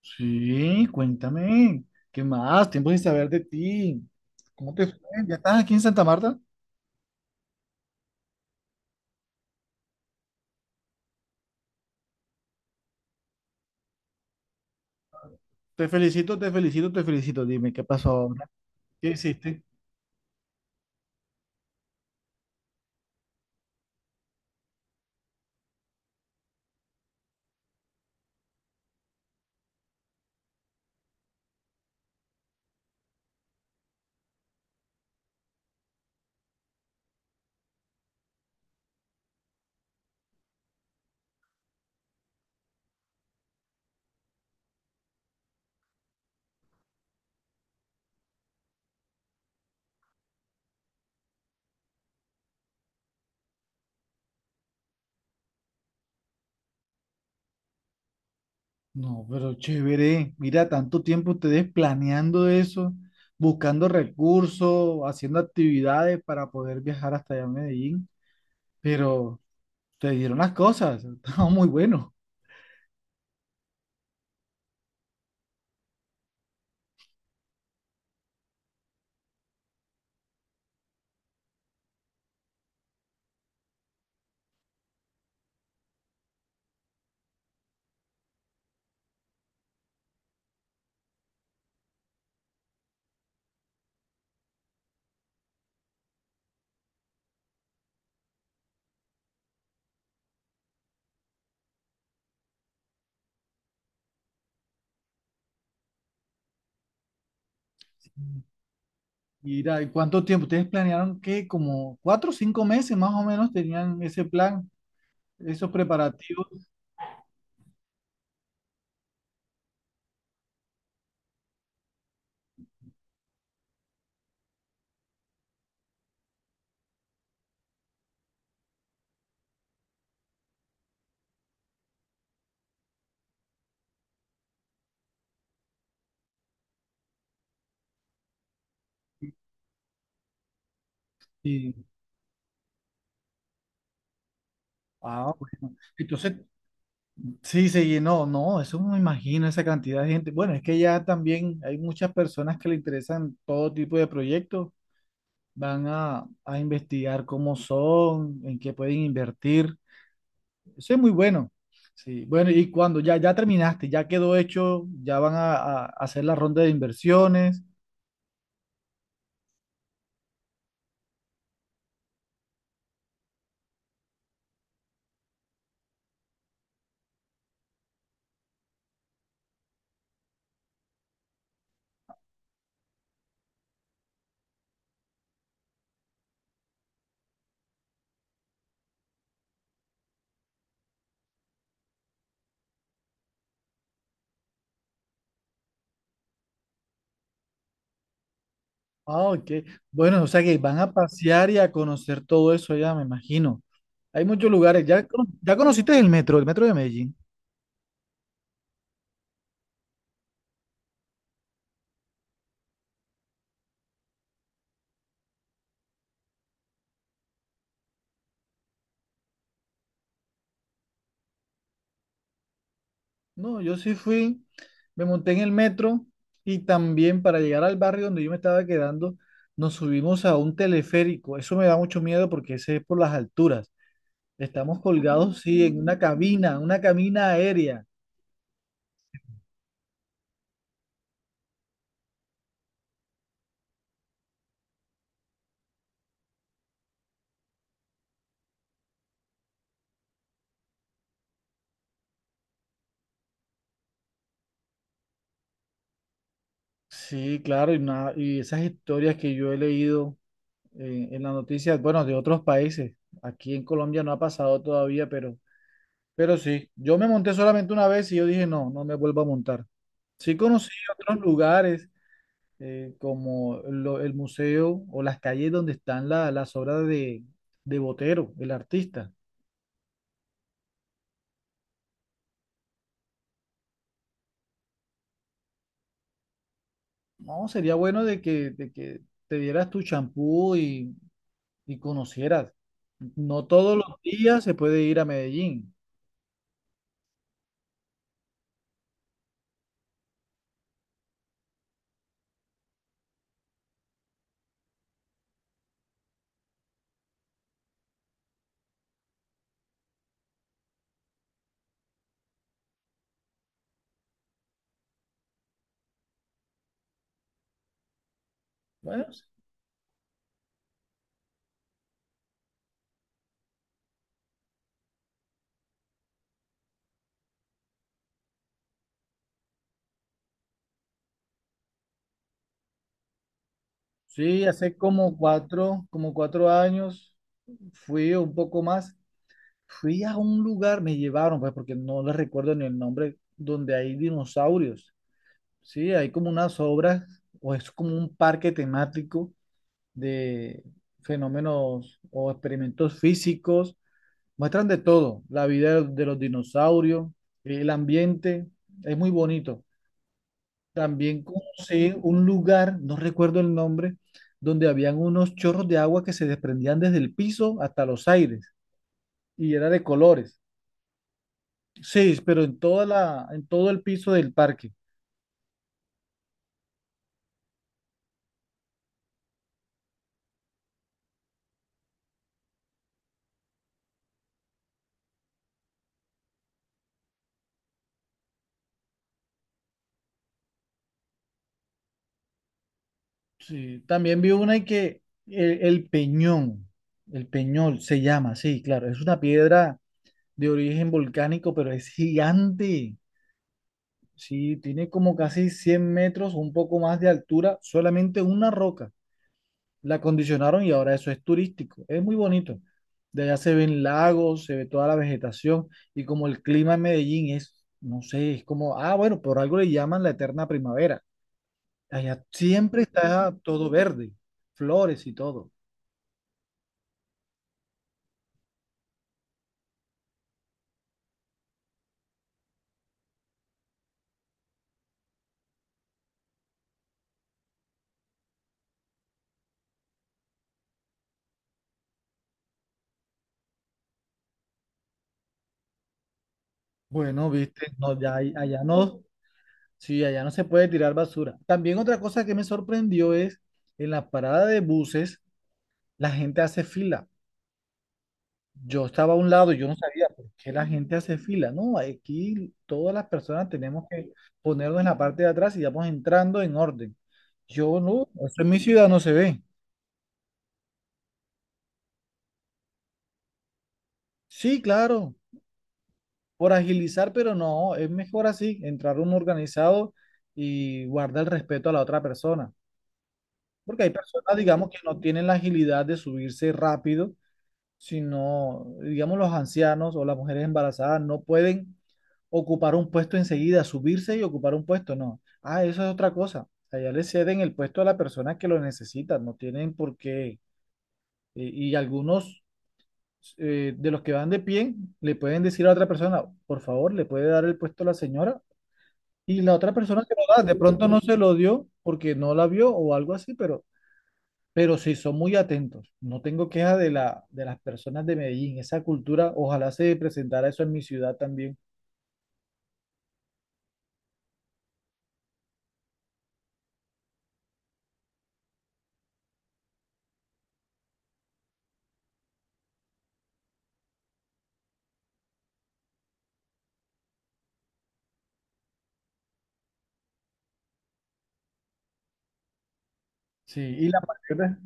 Sí, cuéntame. ¿Qué más? Tiempo sin saber de ti. ¿Cómo te fue? ¿Ya estás aquí en Santa Marta? Te felicito, te felicito, te felicito. Dime, ¿qué pasó ahora? ¿Qué hiciste? No, pero chévere. Mira, tanto tiempo ustedes planeando eso, buscando recursos, haciendo actividades para poder viajar hasta allá a Medellín. Pero te dieron las cosas. Estaba muy bueno. Mira, ¿y cuánto tiempo? ¿Ustedes planearon qué? Como 4 o 5 meses más o menos tenían ese plan, esos preparativos y ah, bueno. Entonces, sí se llenó, no, eso me imagino esa cantidad de gente. Bueno, es que ya también hay muchas personas que le interesan todo tipo de proyectos, van a investigar cómo son, en qué pueden invertir. Eso es muy bueno. Sí, bueno, y cuando ya, ya terminaste, ya quedó hecho, ya van a hacer la ronda de inversiones. Ah, ok. Bueno, o sea que van a pasear y a conocer todo eso allá, me imagino. Hay muchos lugares. ¿Ya, ya conociste el metro de Medellín? No, yo sí fui, me monté en el metro y también para llegar al barrio donde yo me estaba quedando, nos subimos a un teleférico. Eso me da mucho miedo porque ese es por las alturas. Estamos colgados, sí, en una cabina aérea. Sí, claro, y, y esas historias que yo he leído en las noticias, bueno, de otros países. Aquí en Colombia no ha pasado todavía, pero sí. Yo me monté solamente una vez y yo dije, no, no me vuelvo a montar. Sí conocí otros lugares, como el museo o las calles donde están las obras de Botero, el artista. No, sería bueno de que te dieras tu champú y conocieras. No todos los días se puede ir a Medellín. Bueno, sí, hace como 4 años, fui un poco más, fui a un lugar, me llevaron, pues porque no les recuerdo ni el nombre, donde hay dinosaurios. Sí, hay como unas obras, o es como un parque temático de fenómenos o experimentos físicos. Muestran de todo, la vida de los dinosaurios, el ambiente, es muy bonito. También conocí un lugar, no recuerdo el nombre, donde habían unos chorros de agua que se desprendían desde el piso hasta los aires y era de colores. Sí, pero en toda la, en todo el piso del parque. Sí, también vi una y que el Peñón, el Peñol se llama, sí, claro, es una piedra de origen volcánico, pero es gigante. Sí, tiene como casi 100 m, un poco más de altura, solamente una roca. La acondicionaron y ahora eso es turístico. Es muy bonito. De allá se ven lagos, se ve toda la vegetación y como el clima en Medellín es, no sé, es como, ah, bueno, por algo le llaman la eterna primavera. Allá siempre está todo verde, flores y todo. Bueno, viste, no, ya, allá no, sí, allá no se puede tirar basura. También otra cosa que me sorprendió es en la parada de buses, la gente hace fila. Yo estaba a un lado y yo no sabía por qué la gente hace fila. No, aquí todas las personas tenemos que ponernos en la parte de atrás y vamos entrando en orden. Yo no, eso en mi ciudad no se ve. Sí, claro, por agilizar, pero no, es mejor así, entrar uno organizado y guarda el respeto a la otra persona. Porque hay personas, digamos, que no tienen la agilidad de subirse rápido si no, digamos, los ancianos o las mujeres embarazadas no pueden ocupar un puesto enseguida, subirse y ocupar un puesto, no. Ah, eso es otra cosa. O sea, ya le ceden el puesto a la persona que lo necesita, no tienen por qué. Y algunos, de los que van de pie le pueden decir a otra persona, por favor, le puede dar el puesto a la señora. Y la otra persona que lo da, de pronto no se lo dio porque no la vio o algo así, pero sí son muy atentos. No tengo queja de de las personas de Medellín. Esa cultura, ojalá se presentara eso en mi ciudad también. Sí,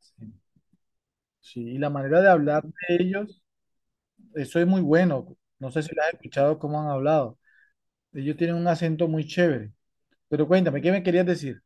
sí, sí, y la manera de hablar de ellos, eso es muy bueno. No sé si lo has escuchado cómo han hablado. Ellos tienen un acento muy chévere. Pero cuéntame, ¿qué me querías decir?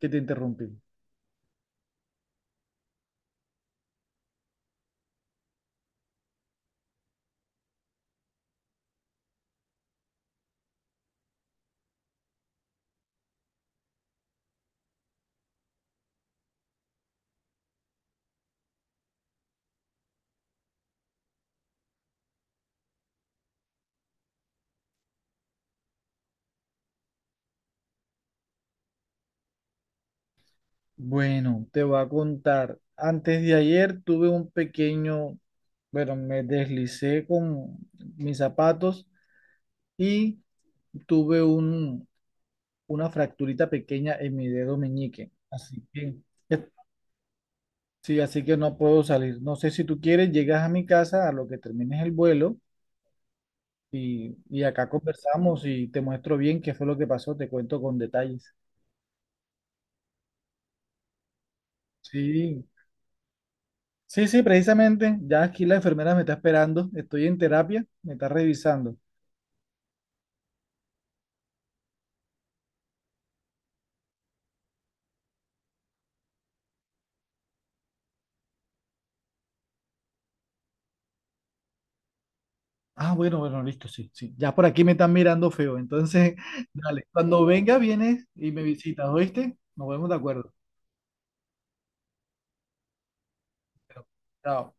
Que te interrumpí. Bueno, te voy a contar. Antes de ayer tuve bueno, me deslicé con mis zapatos y tuve una fracturita pequeña en mi dedo meñique. Así que, eh, sí, así que no puedo salir. No sé si tú quieres, llegas a mi casa a lo que termines el vuelo y acá conversamos y te muestro bien qué fue lo que pasó, te cuento con detalles. Sí, sí, sí, precisamente. Ya aquí la enfermera me está esperando, estoy en terapia, me está revisando. Ah, bueno, bueno, listo, sí, sí. Ya por aquí me están mirando feo. Entonces, dale, cuando venga vienes y me visitas, ¿oíste? Nos vemos de acuerdo. Pero, chao.